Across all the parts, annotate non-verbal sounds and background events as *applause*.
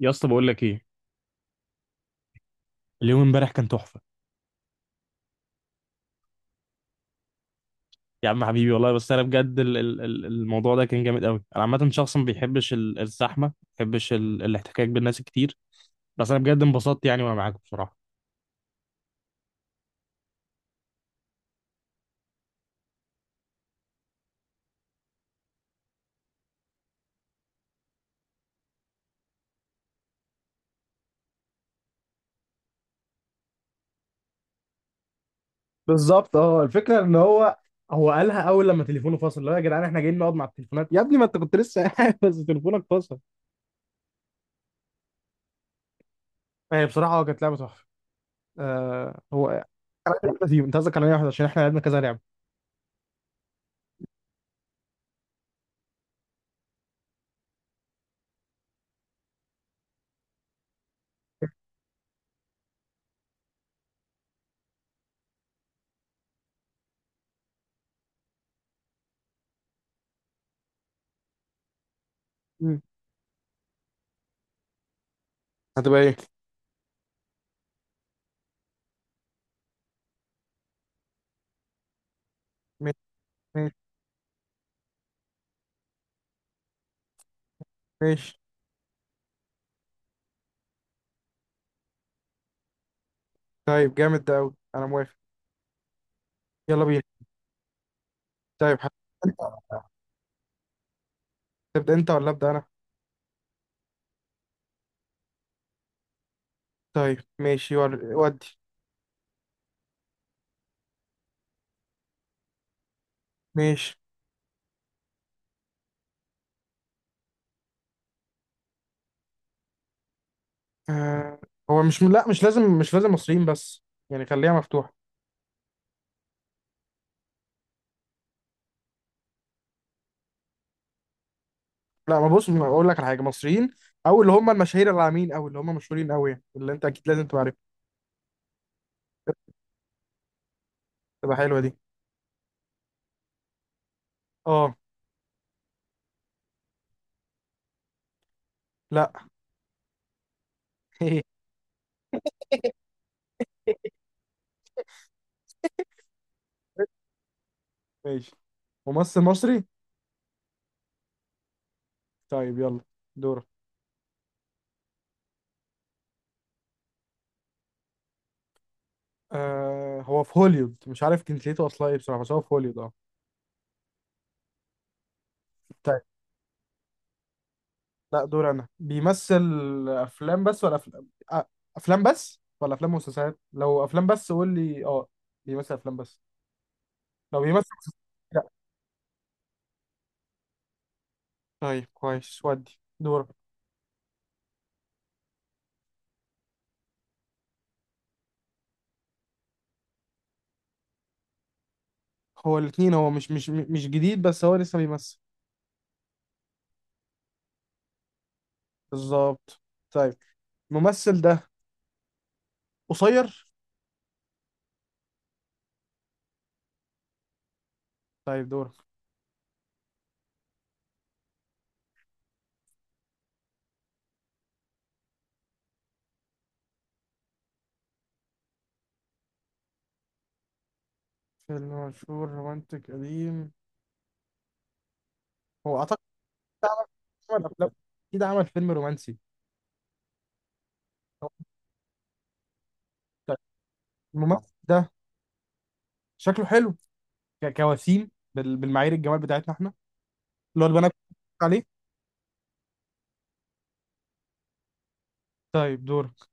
يا اسطى، بقول لك ايه؟ اليوم امبارح كان تحفه. يا عم حبيبي والله، بس انا بجد الموضوع ده كان جامد قوي. انا عامه شخص ما بيحبش الزحمه، ما بيحبش الاحتكاك بالناس كتير. بس انا بجد انبسطت يعني، وانا معاك بصراحه. بالظبط. اه الفكره ان هو قالها اول لما تليفونه فصل، اللي هو يا جدعان احنا جايين نقعد مع التليفونات؟ يا ابني ما انت كنت لسه قاعد *laughs* بس تليفونك فصل. هي بصراحه هو كانت لعبه تحفه. هو انا عايز واحده فيهم، انت قصدك على أي واحده؟ عشان احنا لعبنا كذا لعبه. مم. هتبقى ايه؟ ماشي. ماشي. ماشي. طيب جامد ده قوي، انا موافق. يلا بينا. طيب انت، تبدأ انت ولا أبدأ انا؟ طيب ماشي ودي. ماشي. آه هو مش، لا، مش لازم مصريين بس، يعني خليها مفتوحة. لا، ما بص، ما اقول لك على حاجة، مصريين او اللي هم المشاهير العامين او اللي هم مشهورين قوي، يعني اللي انت اكيد لازم تبقى عارفها، تبقى حلوة دي. اه. لا. *laughs* ماشي. ممثل مصري. طيب يلا، دورك. هو في هوليوود، مش عارف جنسيته اصلا ايه بصراحة، بس هو في هوليوود. اه. لا، دور انا. بيمثل افلام بس ولا افلام افلام بس ولا افلام ومسلسلات؟ لو افلام بس قول لي اه. بيمثل افلام بس؟ لو بيمثل مسلسلات؟ لا. طيب كويس، ودي دورك. هو الاثنين، هو مش جديد، بس هو لسه بيمثل. بالظبط. طيب الممثل ده قصير؟ طيب دورك. فيلم مشهور رومانتك قديم؟ هو اعتقد عمل عمل افلام، اكيد عمل فيلم رومانسي. طيب الممثل ده شكله حلو، كوسيم بالمعايير الجمال بتاعتنا احنا، اللي هو البنات عليه. طيب دورك.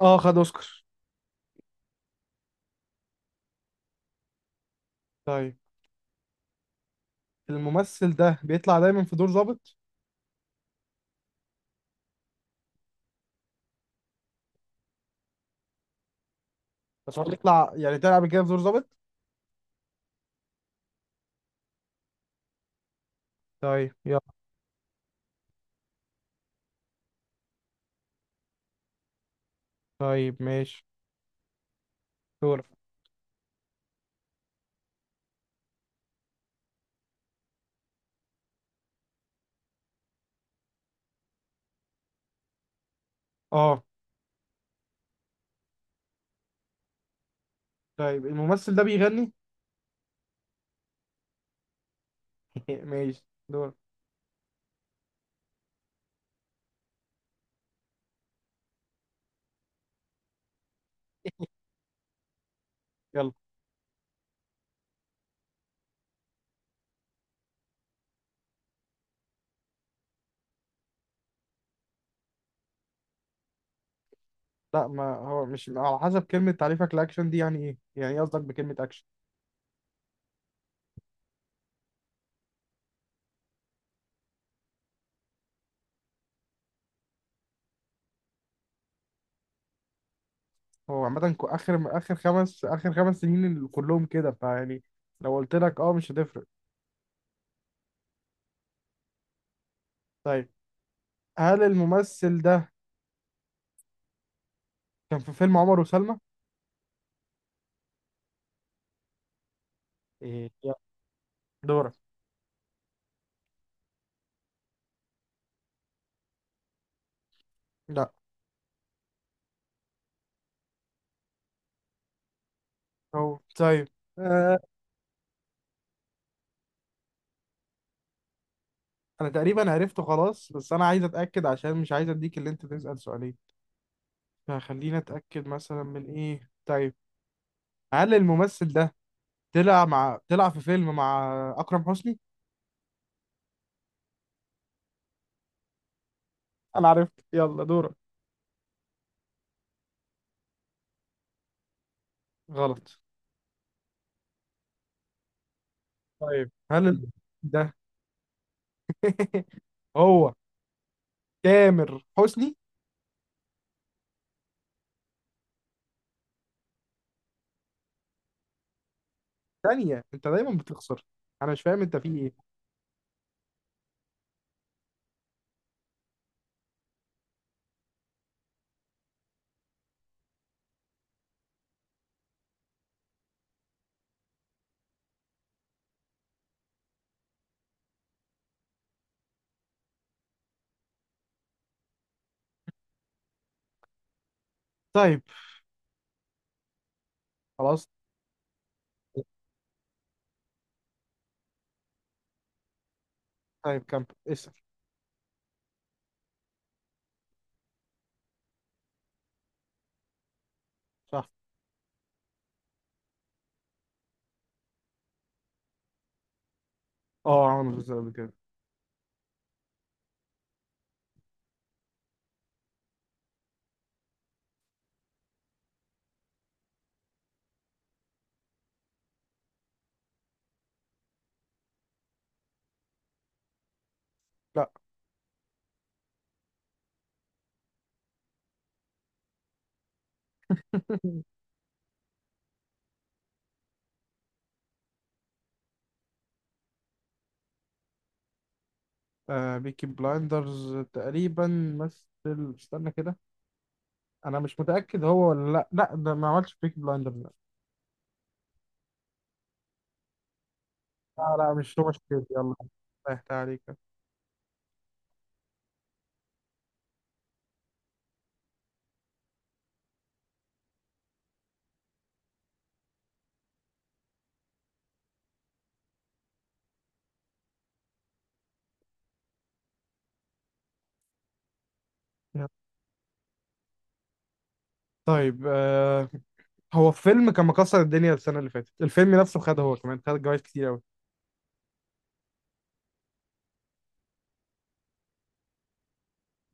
اه خد اوسكار. طيب الممثل ده بيطلع دايما في دور ظابط؟ بس هو بيطلع، يعني طلع قبل كده في دور ظابط. طيب يلا. طيب ماشي دورك. اه طيب الممثل ده بيغني. *laughs* ماشي دورك. يلا. لا، ما هو مش على حسب كلمة تعريفك لأكشن دي، يعني ايه قصدك بكلمة أكشن؟ هو عامة آخر خمس سنين كلهم كده فيعني، لو قلت لك اه مش هتفرق. طيب هل الممثل ده كان في فيلم عمر وسلمى؟ ايه، يلا دورك. لا. هو طيب آه. انا تقريبا عرفته خلاص، بس انا عايز اتاكد عشان مش عايز اديك اللي انت تسال سؤالين، فخلينا اتاكد مثلا من ايه. طيب هل الممثل ده طلع في فيلم مع اكرم حسني؟ انا عرفت، يلا دورك. غلط. طيب هل ده *laughs* هو تامر حسني؟ ثانيه، انت دايما بتخسر، انا مش فاهم انت في ايه. طيب خلاص. طيب كمل اسال. صح. اه عمل مسلسل قبل كده. لا. *laughs* بيكي بلايندرز تقريبا، مثل استنى كده، انا مش متاكد هو ولا لا، لا ده ما عملش بيكي بلايندرز، لا. لا، لا، مش هو، مش كده، يلا. ريحت عليك. يلا. طيب هو فيلم كان مكسر الدنيا السنه اللي فاتت، الفيلم نفسه خد، هو كمان خد جوائز كتير قوي.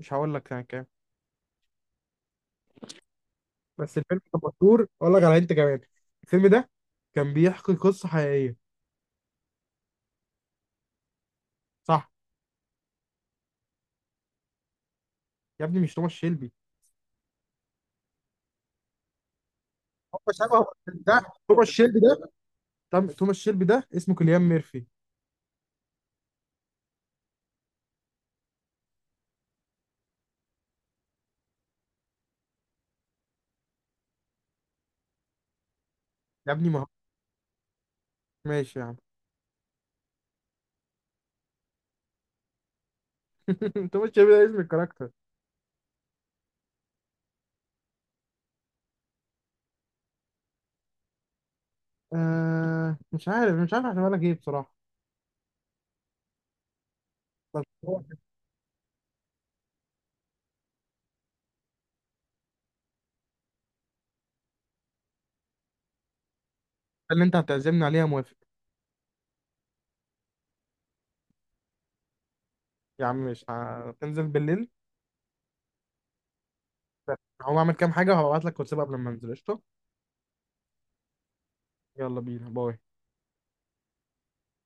مش هقول لك كان كام، بس الفيلم كان مشهور اقول لك على انت كمان. الفيلم ده كان بيحكي قصه حقيقيه. صح. يا ابني مش توماس شيلبي، هو شبه. ده توماس شيلبي ده. طب توماس شيلبي ده اسمه كيليان ميرفي. يا ابني ما هو. ماشي يا عم. *laughs* انت مش شايف اسم الكاركتر. آه، مش عارف احسبها لك ايه بصراحه. بس هو الحتة اللي انت هتعزمني عليها، موافق. يا عم مش هتنزل بالليل؟ هقوم اعمل كام حاجه وهبعت لك واتساب قبل ما انزل، قشطه. يلا بينا، باي.